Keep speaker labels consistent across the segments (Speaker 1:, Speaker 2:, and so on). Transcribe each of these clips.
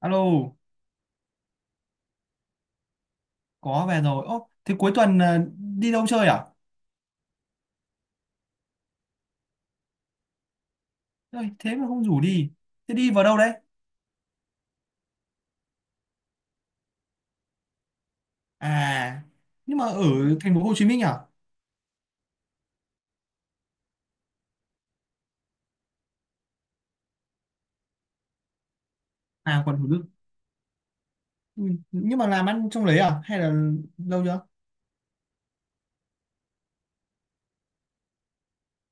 Speaker 1: Alo, có về rồi. Ô, thế cuối tuần đi đâu chơi à? Ôi, thế mà không rủ đi. Thế đi vào đâu đấy? À, nhưng mà ở thành phố Hồ Chí Minh à? À, quận Thủ Đức. Ừ, nhưng mà làm ăn trong đấy à? Hay là lâu chưa?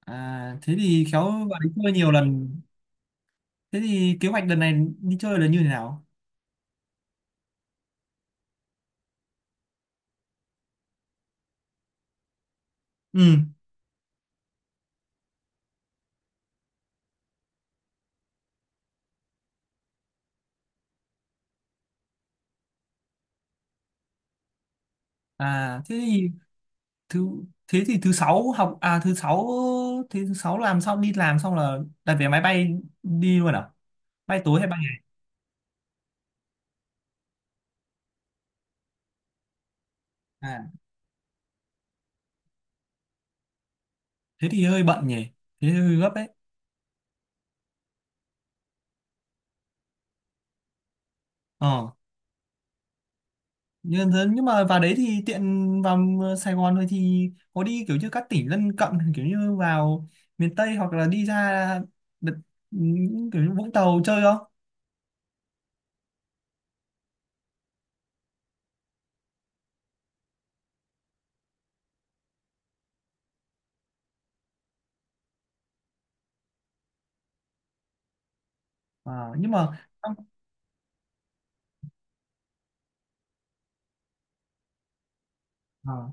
Speaker 1: À, thế thì khéo vào đấy chơi nhiều lần. Thế thì kế hoạch lần này đi chơi là như thế nào? Ừ. À, thế thì thứ thứ sáu học à? Thứ sáu, thế thứ sáu làm xong, đi làm xong là đặt vé máy bay đi luôn à? Bay tối hay bay ngày? À, thế thì hơi bận nhỉ, thế hơi gấp đấy. Ờ nhưng, nhưng mà vào đấy thì tiện, vào Sài Gòn thôi thì có đi kiểu như các tỉnh lân cận, kiểu như vào miền Tây hoặc là đi ra đợt, những kiểu như Vũng Tàu chơi không? À, nhưng mà à,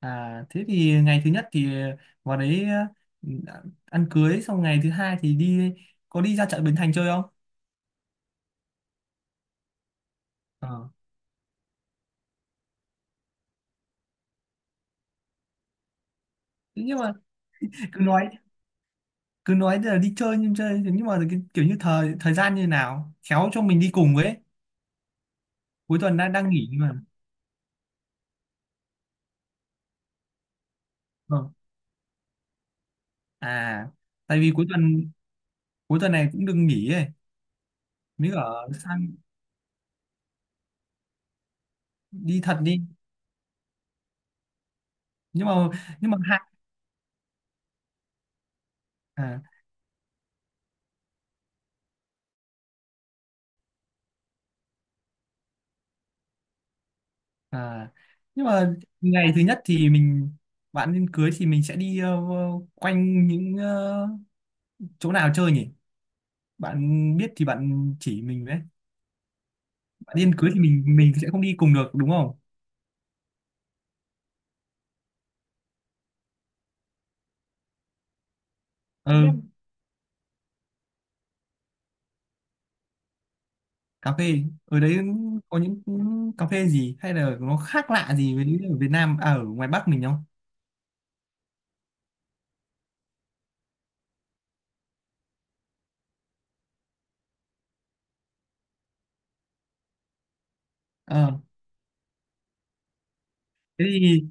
Speaker 1: à, Thế thì ngày thứ nhất thì vào đấy, ừ, ăn cưới xong ngày thứ hai thì đi, có đi ra chợ Bến Thành chơi không? Ờ. Thế nhưng mà cứ nói cứ nói là đi chơi nhưng chơi, nhưng mà kiểu như thời thời gian như nào khéo cho mình đi cùng với. Cuối tuần đang đang nghỉ mà. Ờ. À, tại vì cuối tuần này cũng đừng nghỉ ấy, mới ở sang, đi thật đi. Nhưng mà nhưng mà hạn à, à Nhưng mà ngày thứ nhất thì mình, bạn nên cưới thì mình sẽ đi quanh những chỗ nào chơi nhỉ? Bạn biết thì bạn chỉ mình đấy. Bạn điên cưới thì mình sẽ không đi cùng được đúng không? Ừ, cà phê ở đấy có những cà phê gì hay là nó khác lạ gì với ở Việt Nam, ở ngoài Bắc mình không? Ờ, thế thì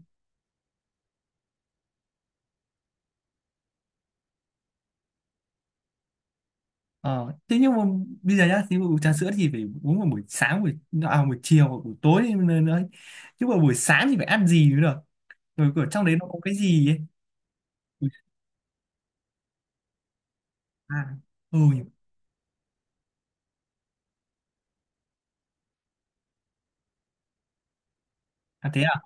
Speaker 1: ờ, thế nhưng mà bây giờ nhá thì uống trà sữa thì phải uống vào buổi sáng, buổi chiều hoặc buổi tối nữa nữa, chứ mà buổi sáng thì phải ăn gì nữa được? Rồi ở trong đấy nó có cái gì ấy? Ui, à, ừ, à thế à,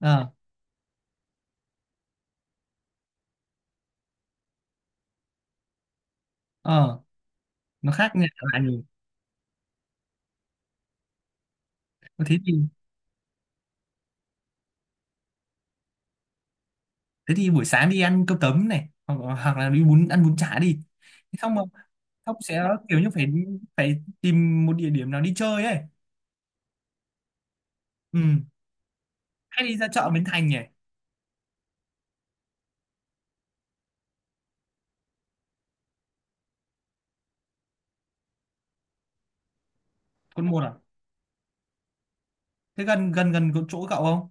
Speaker 1: ờ, ờ, nó khác nhà là nhiều. Ờ, thế thì buổi sáng đi ăn cơm tấm này, hoặc hoặc là đi bún, ăn bún chả đi. Thế xong mà xong sẽ kiểu như phải phải tìm một địa điểm nào đi chơi ấy. Ừ, hay đi ra chợ Bến Thành nhỉ? Quận một à? Thế gần gần gần chỗ cậu không?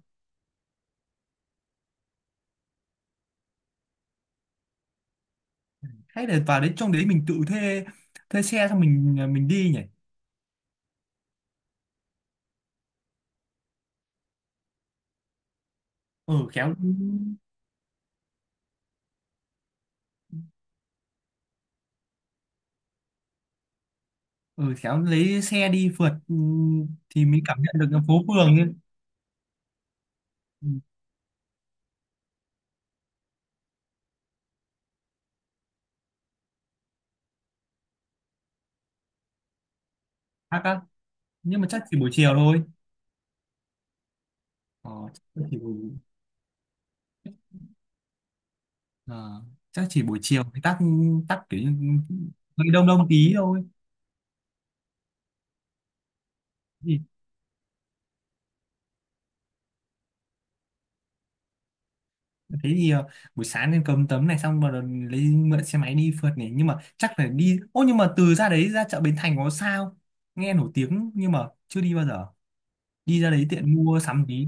Speaker 1: Hay là vào đến trong đấy mình tự thuê, thuê xe xong mình đi nhỉ? Ừ, khéo, ừ khéo lấy xe đi phượt. Ừ, thì mới cảm nhận được cái phố phường ấy. Ừ, khác lắm. Nhưng mà chắc chỉ buổi chiều thôi. ờ, chắc chỉ buổi ờ, Chắc chỉ buổi chiều thì tắc, tắc kiểu như hơi đông đông tí thôi. thì Thế thì buổi sáng nên cầm tấm này xong rồi lấy mượn xe máy đi phượt này, nhưng mà chắc phải đi ô, nhưng mà từ ra đấy, ra chợ Bến Thành có sao, nghe nổi tiếng nhưng mà chưa đi bao giờ, đi ra đấy tiện mua sắm tí.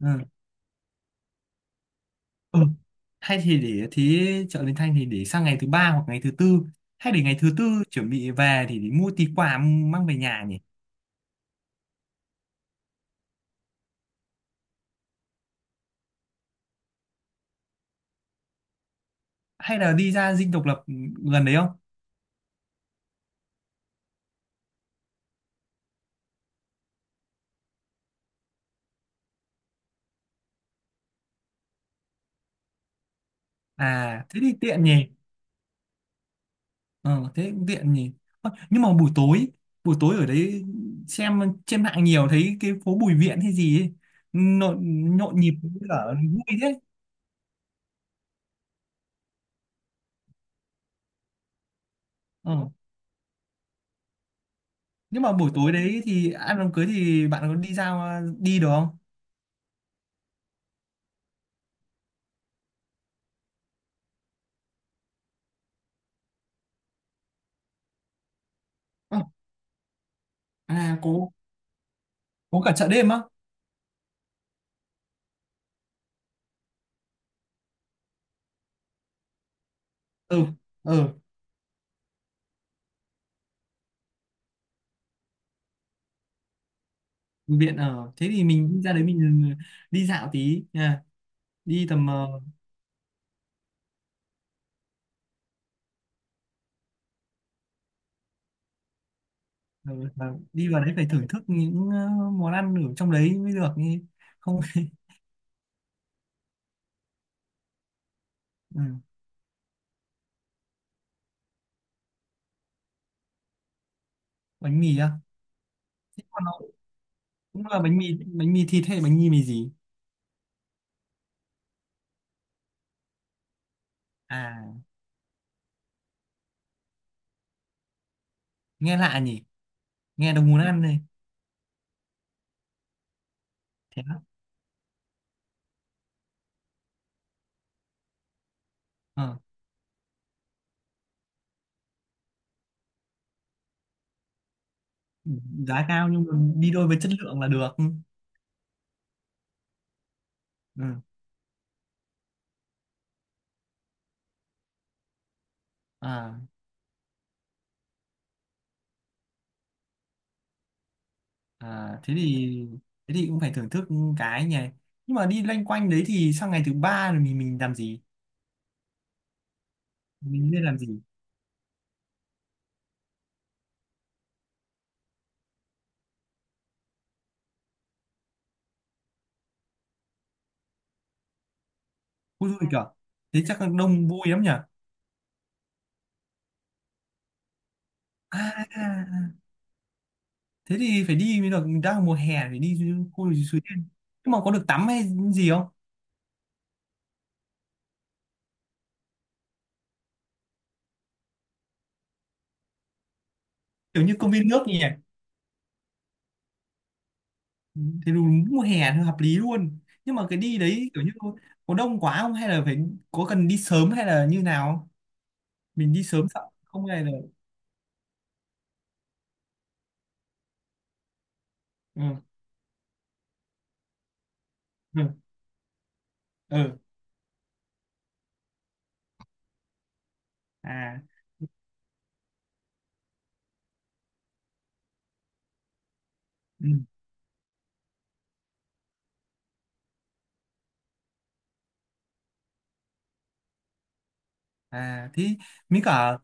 Speaker 1: Ừ. Ừ. Hay thì để, thế chợ Bến Thành thì để sang ngày thứ ba hoặc ngày thứ tư, hay để ngày thứ tư chuẩn bị về thì để mua tí quà mang về nhà nhỉ. Hay là đi ra Dinh Độc Lập gần đấy không? À thế thì tiện nhỉ. Ờ thế cũng tiện nhỉ. Ơ, nhưng mà buổi tối, buổi tối ở đấy, xem trên mạng nhiều thấy cái phố Bùi Viện hay gì ấy, nhộn, nhộn nhịp với cả vui thế. Ờ nhưng mà buổi tối đấy thì ăn đám cưới, thì bạn có đi ra, đi được không? À có cả chợ đêm á. Ừ, ừ, viện ở thế thì mình đi ra đấy mình, ừ, đi dạo tí nha. Đi tầm ờ, và đi vào đấy phải thưởng thức những món ăn ở trong đấy mới được nhỉ. Không ừ, bánh mì á. Thế còn nó cũng là bánh mì, bánh mì thịt hay bánh mì mì gì? À, nghe lạ nhỉ. Nghe đâu muốn ăn này. Thế á. Ờ, giá cao nhưng mà đi đôi với chất lượng là được. Ừ. Ừ, à. À, thế thì cũng phải thưởng thức cái nhỉ. Nhưng mà đi loanh quanh đấy thì sang ngày thứ ba rồi mình làm gì? Mình nên làm gì? Khu du lịch à? Thế chắc là đông vui lắm nhỉ. À, thế thì phải đi mới được, đang mùa hè phải đi khu lịch Suối Tiên. Nhưng mà có được tắm hay gì không? Kiểu như công viên nước nhỉ. Thế đúng mùa hè thì hợp lý luôn. Nhưng mà cái đi đấy kiểu như có đông quá không, hay là phải có cần đi sớm hay là như nào không? Mình đi sớm sợ không hay là ừ, ừ, ừ, à, ừ. À thế mới cả,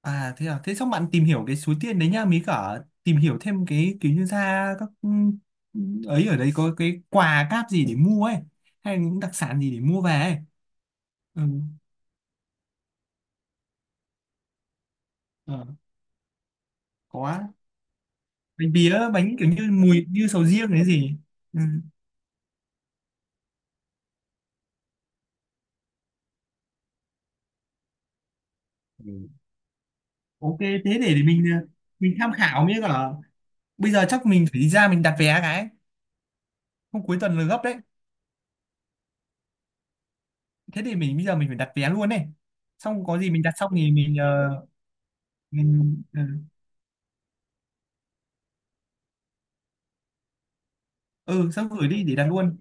Speaker 1: à thế à, thế xong bạn tìm hiểu cái số tiền đấy nhá, mới cả tìm hiểu thêm cái kiểu như ra các ấy ở đây có cái quà cáp gì để mua ấy, hay những đặc sản gì để mua về ấy. Ừ. Ờ, có, bánh bía bánh kiểu như mùi như sầu riêng đấy gì. Ừ. Ừ. Ok thế để mình tham khảo mới cả bây giờ chắc mình phải đi ra mình đặt vé cái, hôm cuối tuần là gấp đấy. Thế thì mình bây giờ mình phải đặt vé luôn này, xong có gì mình đặt xong thì mình mình ừ. Ừ sắp gửi đi để đặt luôn